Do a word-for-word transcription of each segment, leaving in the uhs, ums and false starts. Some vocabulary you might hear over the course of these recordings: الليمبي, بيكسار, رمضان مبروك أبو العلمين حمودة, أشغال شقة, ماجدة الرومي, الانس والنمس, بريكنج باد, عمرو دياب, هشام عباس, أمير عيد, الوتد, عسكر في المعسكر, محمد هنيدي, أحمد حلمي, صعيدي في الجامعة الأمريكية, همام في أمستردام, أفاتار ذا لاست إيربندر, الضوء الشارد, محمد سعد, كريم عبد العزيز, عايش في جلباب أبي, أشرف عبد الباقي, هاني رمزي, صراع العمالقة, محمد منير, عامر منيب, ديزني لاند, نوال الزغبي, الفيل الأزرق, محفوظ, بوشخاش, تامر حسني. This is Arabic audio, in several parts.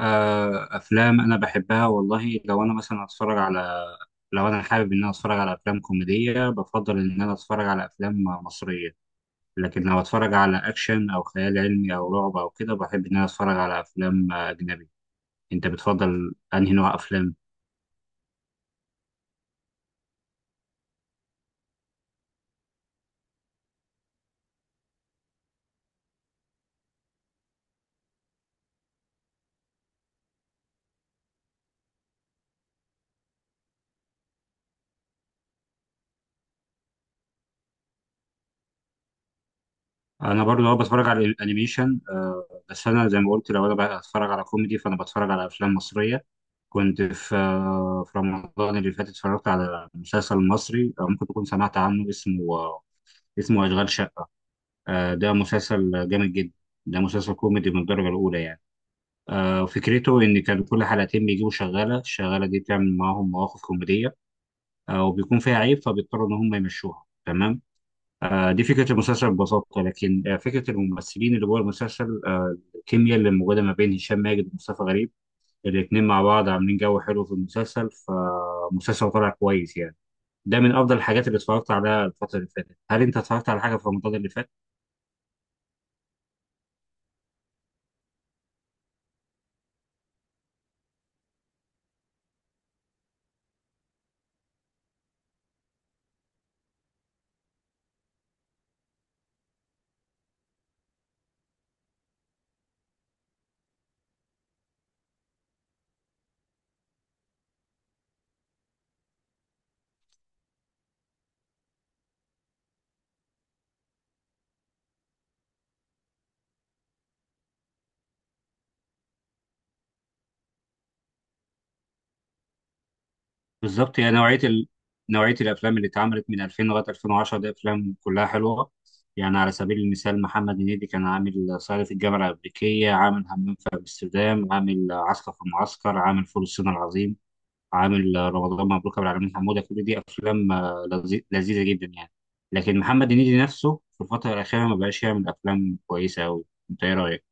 آه، افلام انا بحبها والله. لو انا مثلا اتفرج على لو انا حابب ان انا اتفرج على افلام كوميديه بفضل ان انا اتفرج على افلام مصريه. لكن لو اتفرج على اكشن او خيال علمي او رعب او كده بحب ان انا اتفرج على افلام آه، اجنبي. انت بتفضل انهي نوع افلام؟ انا برضه هو بتفرج على الانيميشن، آه، بس انا زي ما قلت لو انا بقى اتفرج على كوميدي فانا بتفرج على افلام مصريه. كنت في آه، في رمضان اللي فات اتفرجت على مسلسل مصري، آه، ممكن تكون سمعت عنه، اسمه اسمه أشغال شقة. آه، ده مسلسل جامد جدا. ده مسلسل كوميدي من الدرجة الأولى يعني. آه، فكرته إن كان كل حلقتين بيجيبوا شغالة، الشغالة دي بتعمل معاهم مواقف كوميدية، آه، وبيكون فيها عيب فبيضطروا إن هم يمشوها. تمام، آه، دي فكرة المسلسل ببساطة. لكن آه، فكرة الممثلين اللي جوه المسلسل، آه، الكيمياء اللي موجودة ما بين هشام ماجد ومصطفى غريب، الاتنين مع بعض عاملين جو حلو في المسلسل، فمسلسل طلع كويس يعني. ده من أفضل الحاجات اللي اتفرجت عليها الفترة اللي فاتت. هل أنت اتفرجت على حاجة في رمضان اللي فات؟ بالظبط يعني، نوعية ال... نوعية الأفلام اللي اتعملت من الفين لغاية الفين وعشرة دي أفلام كلها حلوة. يعني على سبيل المثال محمد هنيدي كان عامل صعيدي في الجامعة الأمريكية، عامل همام في أمستردام، عامل عسكر في المعسكر، عامل فول الصين العظيم، عامل رمضان مبروك أبو العلمين حمودة. كل دي أفلام آه، لذي- لذيذة جدا يعني. لكن محمد هنيدي نفسه في الفترة الأخيرة ما بقاش يعمل أفلام كويسة أوي. أنت إيه رأيك؟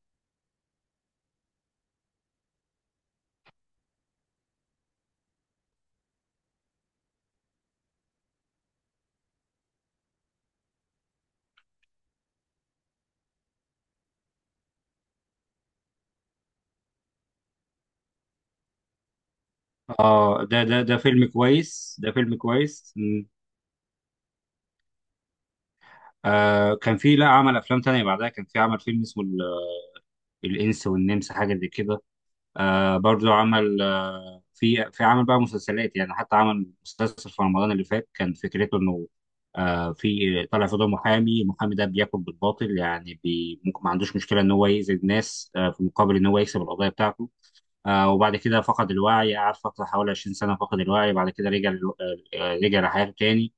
آه، ده ده ده فيلم كويس، ده فيلم كويس. آه، كان في، لا، عمل افلام تانية بعدها. كان في عمل فيلم اسمه ال- الانس والنمس، حاجه زي كده. آه برضو عمل، آه في في عمل بقى مسلسلات يعني. حتى عمل مسلسل في رمضان اللي فات كان فكرته انه آه في طالع في دور محامي، المحامي ده بياكل بالباطل يعني، بي ممكن ما عندوش مشكله ان هو يأذي الناس آه في مقابل ان هو يكسب القضيه بتاعته. آه وبعد كده فقد الوعي، قعد فتره حوالي عشرين سنه فقد الوعي. بعد كده رجع للو- آه، آه، رجع لحياته تاني.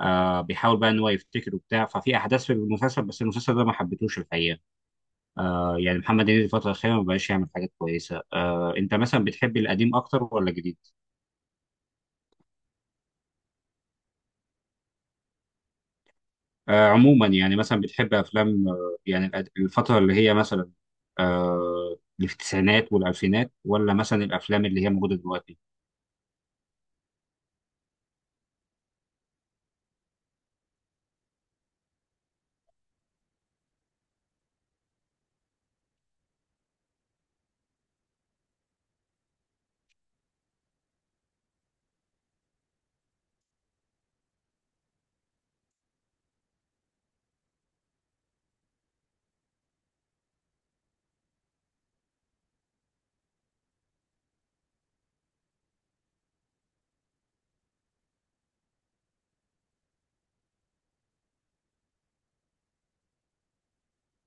آه بيحاول بقى ان هو يفتكر وبتاع، ففي احداث في المسلسل، بس المسلسل ده ما حبيتهوش الحقيقه. آه يعني محمد هنيدي الفتره الاخيره ما بقاش يعمل حاجات كويسه. آه انت مثلا بتحب القديم اكتر ولا الجديد؟ آه عموما يعني، مثلا بتحب افلام آه يعني الأد- الفتره اللي هي مثلا آه اللي في التسعينات والالفينات، ولا مثلا الافلام اللي هي موجوده دلوقتي؟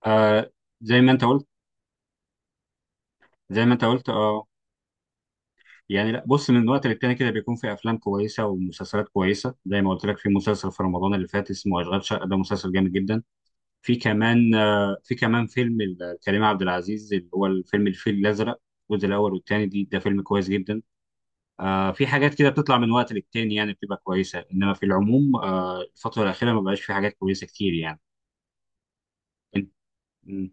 آه زي ما انت قلت، زي ما انت قلت، اه. يعني لا، بص، من وقت للتاني كده بيكون في افلام كويسه ومسلسلات كويسه، زي ما قلت لك في مسلسل في رمضان اللي فات اسمه اشغال شقه، ده مسلسل جامد جدا. في كمان آه، في كمان فيلم ال- كريم عبد العزيز، اللي هو الفيلم الفيل الازرق الجزء الاول والثاني، دي ده فيلم كويس جدا. آه، في حاجات كده بتطلع من وقت للتاني يعني بتبقى كويسه، انما في العموم آه، الفتره الاخيره ما بقاش في حاجات كويسه كتير يعني. إن- م.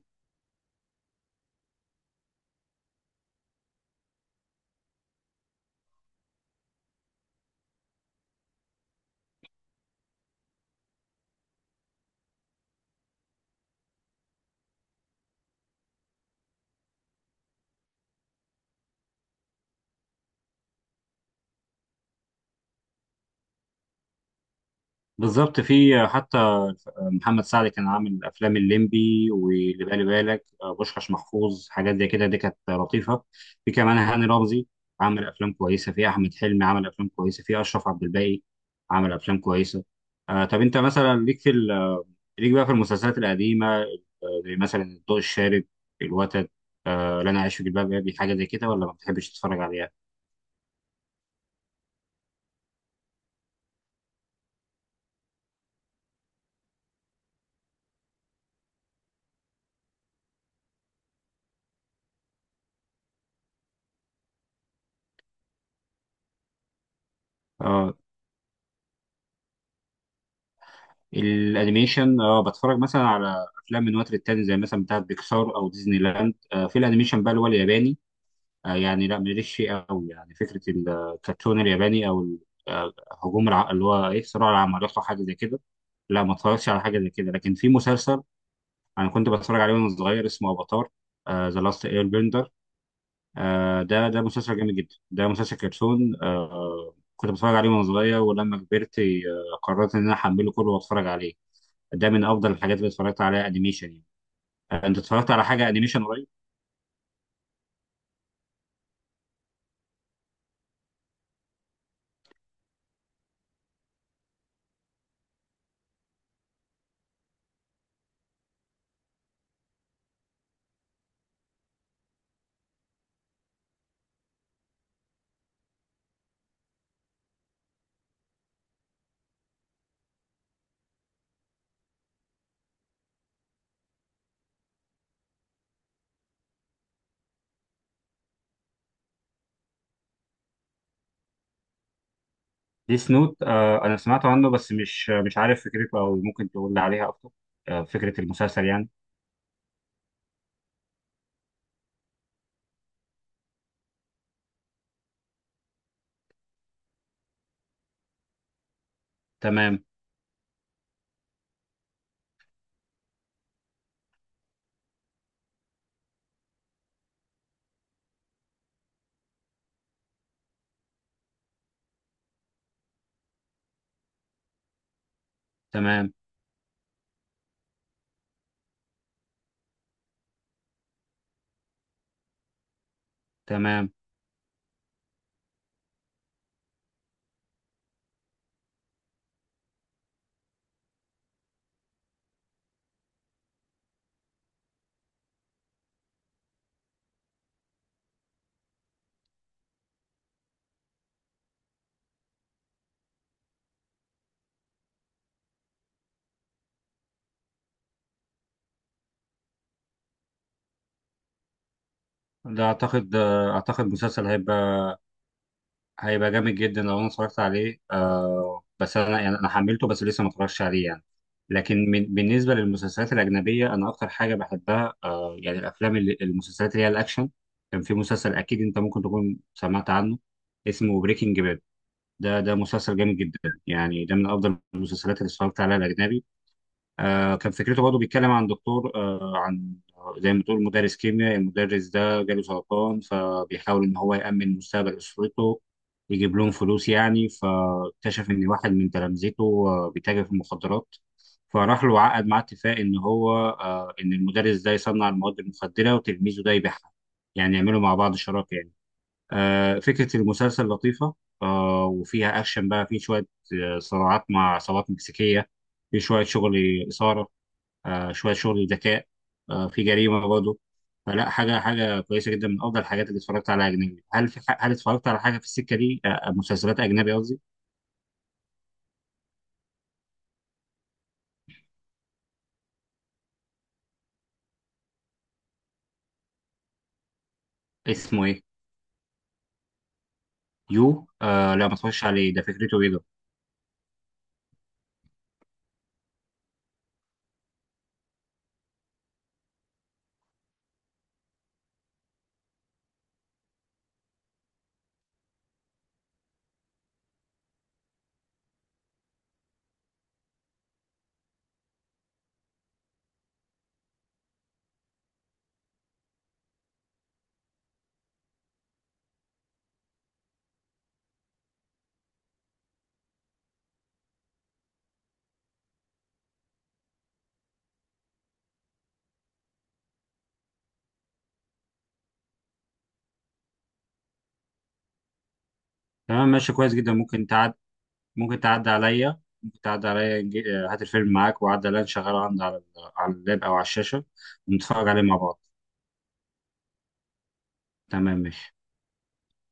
بالظبط. في آه، حتى محمد سعد كان عامل افلام الليمبي واللي بالي بالك آه، بوشخاش محفوظ، حاجات زي كده دي كانت لطيفه. في كمان هاني رمزي عمل افلام كويسه، في احمد حلمي عمل افلام كويسه، في اشرف عبد الباقي عمل افلام كويسه. آه طب انت مثلا ليك في ال- ليك بقى في المسلسلات القديمه، آه، زي مثلا الضوء الشارد، الوتد، آه لا انا عايش في جلباب ابي، حاجه زي كده، ولا ما بتحبش تتفرج عليها؟ اه الانيميشن، اه بتفرج مثلا على افلام من وقت للتاني زي مثلا بتاعت بيكسار او ديزني لاند. آه في الانيميشن بقى اللي هو الياباني، آه يعني لا ماليش فيه قوي يعني. فكره الكرتون الياباني او ال- آه، هجوم الع... اللي هو ايه صراع العمالقه أو حاجه زي كده، لا ما اتفرجتش على حاجه زي كده. لكن في مسلسل انا كنت بتفرج عليه وانا صغير اسمه افاتار، ذا لاست اير بندر. ده ده مسلسل جامد جدا، ده مسلسل كرتون. آه كنت بتفرج عليه وانا صغير، ولما كبرت آه، قررت ان انا احمله كله واتفرج عليه. ده من افضل الحاجات اللي اتفرجت عليها انيميشن يعني. آه، انت اتفرجت على حاجه انيميشن قريب؟ ديس نوت، آه، انا سمعت عنه بس مش مش عارف فكرته، او ممكن تقول لي عليها اكتر؟ آه فكره المسلسل يعني. تمام. تمام. تمام. ده اعتقد، آه اعتقد مسلسل هيبقى، هيبقى جامد جدا لو انا اتفرجت عليه. آه بس انا يعني انا حملته بس لسه ما اتفرجتش عليه يعني. لكن من بالنسبه للمسلسلات الاجنبيه، انا اكتر حاجه بحبها يعني الافلام اللي، المسلسلات اللي هي الاكشن. كان في مسلسل اكيد انت ممكن تكون سمعت عنه اسمه بريكنج باد. ده ده مسلسل جامد جدا يعني. ده من افضل المسلسلات اللي اتفرجت عليها الاجنبي. آه، كان فكرته برضه بيتكلم عن دكتور، آه، عن، زي ما بتقول، مدرس كيمياء. المدرس ده جاله سرطان فبيحاول ان هو يأمن مستقبل اسرته، يجيب لهم فلوس يعني. فاكتشف ان واحد من تلامذته آه، بيتاجر في المخدرات. فراح له عقد معاه اتفاق ان هو آه، ان المدرس ده يصنع المواد المخدرة وتلميذه ده يبيعها، يعني يعملوا مع بعض شراكة يعني. آه، فكرة المسلسل لطيفة. آه، وفيها اكشن بقى، في شوية آه، صراعات مع عصابات مكسيكية، في شوية شغل إثارة، آه، شويه شغل ذكاء، آه، في جريمه برضه. فلا، حاجه حاجه كويسه جدا، من افضل الحاجات اللي اتفرجت عليها اجنبي. هل في ح- هل اتفرجت على حاجه في السكه دي آه، آه، مسلسلات اجنبي قصدي؟ اسمه ايه؟ يو؟ آه لا ما اتفرجش عليه، ده فكرته ايه ده؟ تمام، ماشي، كويس جدا، ممكن تعد. ممكن تعدي عليا، ممكن تعدي عليا، نجي- آه، هات الفيلم معاك وعدي عليا نشغله عندي على ال- على اللاب او على الشاشه ونتفرج عليه مع بعض. تمام، ماشي.